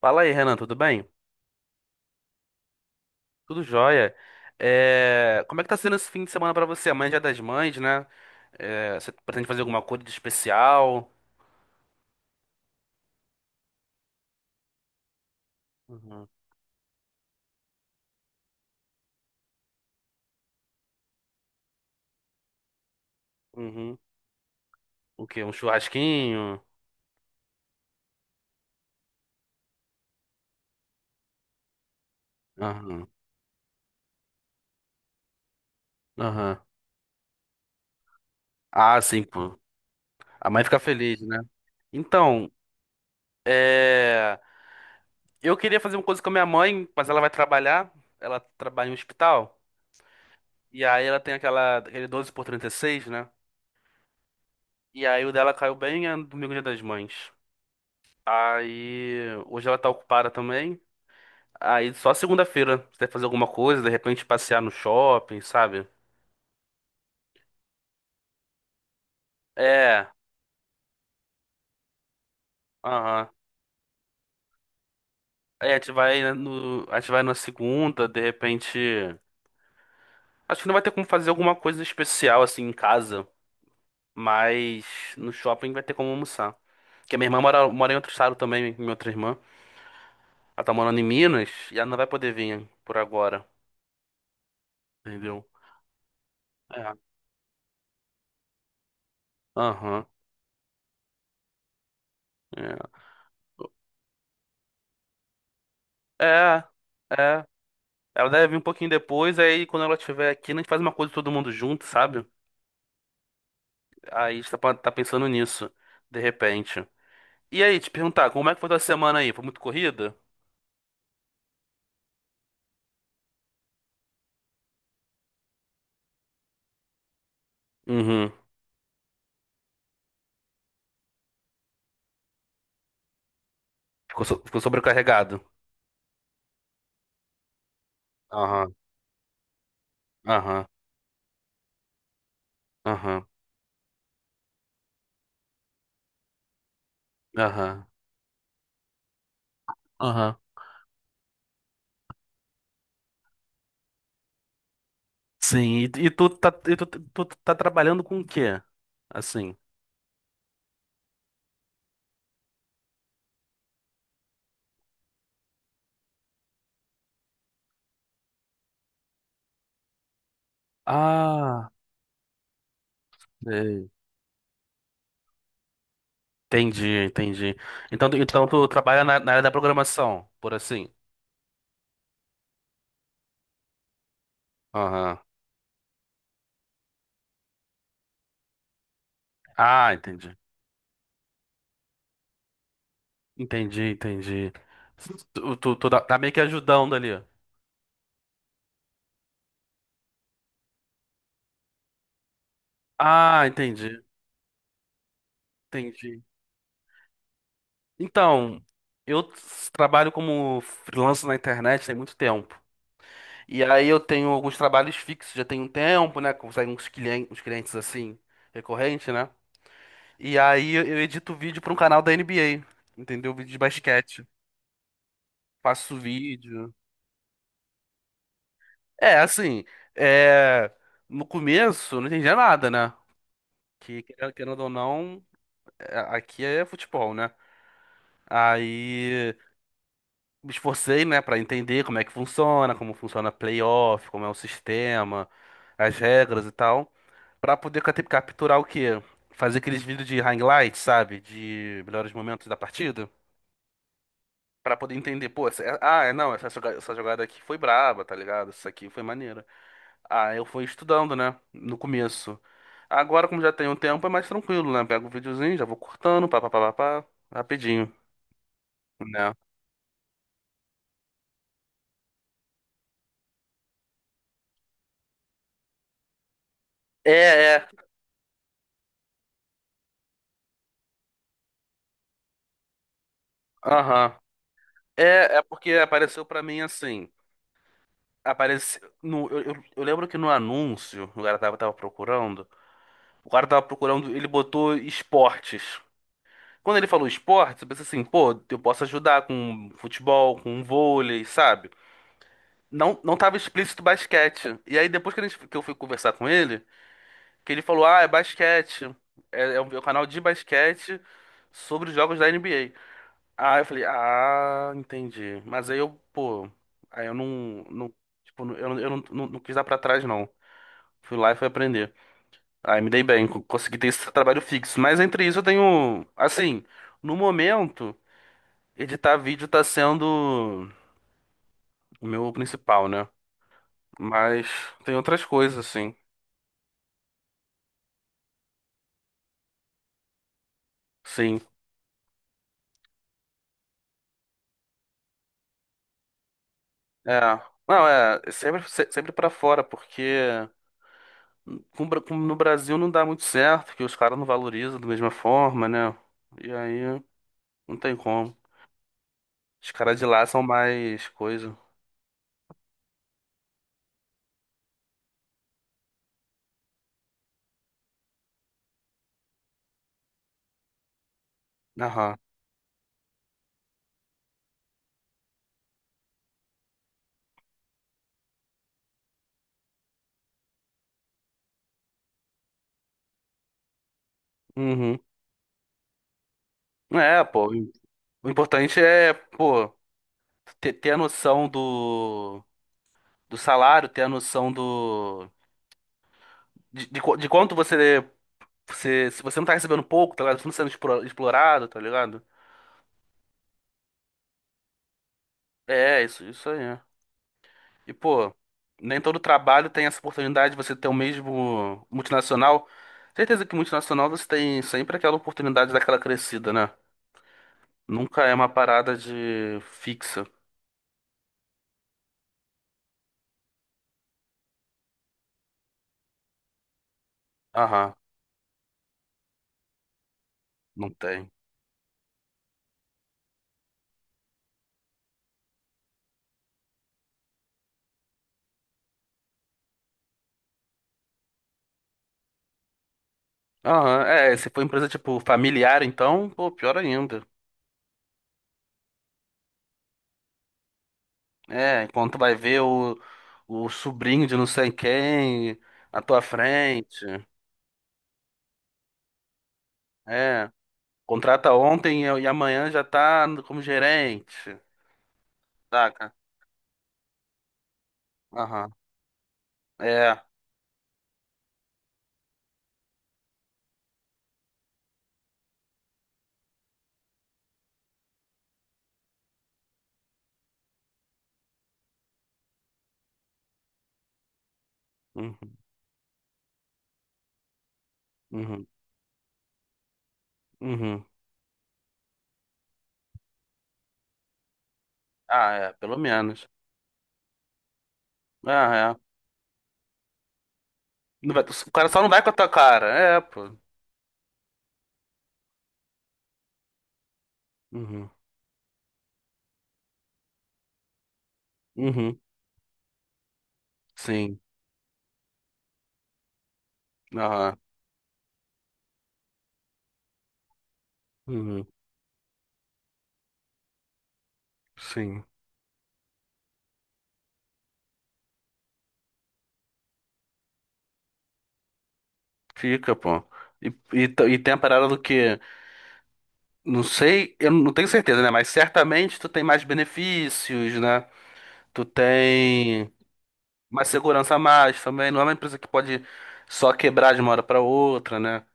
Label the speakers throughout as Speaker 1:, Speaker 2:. Speaker 1: Fala aí, Renan, tudo bem? Tudo jóia. É, como é que tá sendo esse fim de semana pra você? Amanhã é Dia das Mães, né? É, você pretende fazer alguma coisa de especial? Uhum. Uhum. O quê? Um churrasquinho? Aham. Aham. Ah, sim, pô. A mãe fica feliz, né? Então, é, eu queria fazer uma coisa com a minha mãe, mas ela vai trabalhar. Ela trabalha em um hospital. E aí ela tem aquele 12 por 36, né? E aí o dela caiu bem é domingo, Dia das Mães. Aí hoje ela tá ocupada também. Aí só segunda-feira você vai fazer alguma coisa, de repente passear no shopping, sabe? É, aham. Aí a gente vai no, a gente vai na segunda, de repente. Acho que não vai ter como fazer alguma coisa especial assim em casa, mas no shopping vai ter como almoçar. Porque a minha irmã mora, mora em outro estado também, minha outra irmã. Ela tá morando em Minas e ela não vai poder vir por agora, entendeu? É, aham. É. É, é. Ela deve vir um pouquinho depois, aí quando ela estiver aqui, a gente faz uma coisa todo mundo junto, sabe? Aí você tá pensando nisso, de repente. E aí, te perguntar, como é que foi tua semana aí? Foi muito corrida? Uhum. Ficou, ficou sobrecarregado. Aham, aham, aham, aham, aham. Sim, e tu tá trabalhando com o quê? Assim. Ah, sei. Entendi, entendi. Então, então tu trabalha na, na área da programação, por assim. Aham. Ah, entendi. Entendi, entendi. Tu tá meio que ajudando ali. Ah, entendi. Entendi. Então, trabalho como freelancer na internet tem muito tempo. E aí eu tenho alguns trabalhos fixos, já tem um tempo, né? Consegue uns clientes assim, recorrente, né? E aí eu edito vídeo para um canal da NBA, entendeu? Vídeo de basquete. Faço vídeo. É, assim, é... no começo eu não entendia nada, né? Que querendo ou não, aqui é futebol, né? Aí. Me esforcei, né, para entender como é que funciona, como funciona playoff, como é o sistema, as regras e tal, para poder capturar o quê? Fazer aqueles vídeos de highlights, sabe? De melhores momentos da partida, para poder entender, pô, essa, é, ah, é, não, essa, joga- essa jogada aqui foi braba, tá ligado? Isso aqui foi maneira. Ah, eu fui estudando, né, no começo. Agora, como já tem um tempo, é mais tranquilo, né? Pego o videozinho, já vou cortando, pá, pá, pá, pá, pá, rapidinho, né? É, é. Aham. É, é porque apareceu pra mim assim. Apareceu no, eu lembro que no anúncio, o cara tava procurando, ele botou esportes. Quando ele falou esportes, eu pensei assim, pô, eu posso ajudar com futebol, com vôlei, sabe? Não, não tava explícito basquete. E aí depois que, a gente, que eu fui conversar com ele, que ele falou, ah, é basquete. É, é o meu canal de basquete sobre os jogos da NBA. Ah, eu falei, ah, entendi. Mas aí eu, pô, aí eu não, não- não quis dar pra trás, não. Fui lá e fui aprender. Aí me dei bem, consegui ter esse trabalho fixo. Mas entre isso eu tenho, assim, no momento, editar vídeo tá sendo o meu principal, né? Mas tem outras coisas, assim. Sim. É. Não, é, sempre, sempre pra fora, porque com o Bra- com- no Brasil não dá muito certo, que os caras não valorizam da mesma forma, né? E aí. Não tem como. Os caras de lá são mais coisa. Aham. Uhum. É, pô. O importante é, pô, ter a noção do, do salário, ter a noção do. De quanto você, você. Se você não tá recebendo pouco, tá ligado? Você não tá sendo explorado, tá ligado? É, isso aí. É. E, pô, nem todo trabalho tem essa oportunidade de você ter o mesmo multinacional. Certeza que multinacional você tem sempre aquela oportunidade daquela crescida, né? Nunca é uma parada de fixa. Aham, não tem. Aham, é, se for empresa tipo familiar, então, pô, pior ainda. É, enquanto vai ver o sobrinho de não sei quem na tua frente. É, contrata ontem e amanhã já tá como gerente, saca? Aham, é. Uhum, uhum, uhum. Ah, é, pelo menos. Ah, é. Não vai... o cara só não vai com a tua cara. É, pô. Uhum, uhum, sim. Aham. Uhum. Sim, fica, pô. E, e, e tem a parada do que, não sei, eu não tenho certeza, né? Mas certamente tu tem mais benefícios, né? Tu tem mais segurança a mais também. Não é uma empresa que pode só quebrar de uma hora pra outra, né?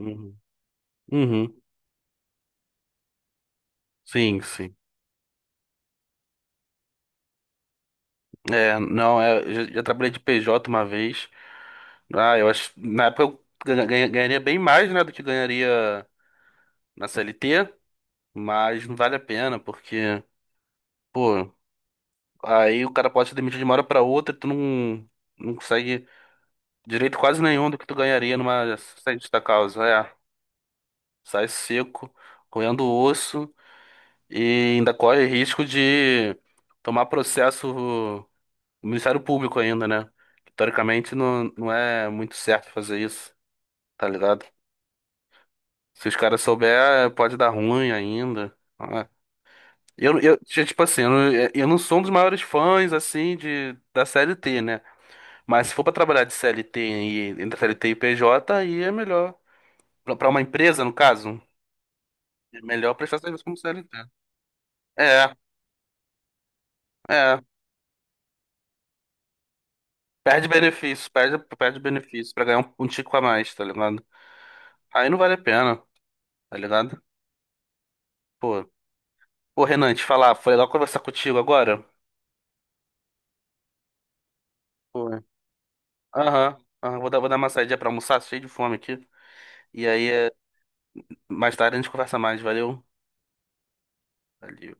Speaker 1: Uhum. Uhum. Sim, sim. É, não, é, eu já trabalhei de PJ uma vez. Ah, eu acho, na época eu ganharia bem mais, né, do que ganharia na CLT, mas não vale a pena, porque. Pô, aí o cara pode ser demitido de uma hora pra outra, tu não consegue direito quase nenhum do que tu ganharia numa justa causa. É, sai seco, roendo o osso e ainda corre risco de tomar processo do Ministério Público ainda, né? Teoricamente não, não é muito certo fazer isso, tá ligado? Se os caras souber, pode dar ruim ainda. Ah, tipo assim, eu não sou um dos maiores fãs, assim, de, da CLT né? Mas se for para trabalhar de CLT e entre CLT e PJ, aí é melhor. Para uma empresa, no caso, é melhor prestar serviço como CLT. É, é. Perde, perde benefício para ganhar um, um tico a mais, tá ligado? Aí não vale a pena, tá ligado? Pô, pô, Renan, te falar, foi legal conversar contigo agora. Foi. Aham, aham, vou dar uma saidinha pra almoçar, cheio de fome aqui. E aí, é, mais tarde a gente conversa mais, valeu? Valeu.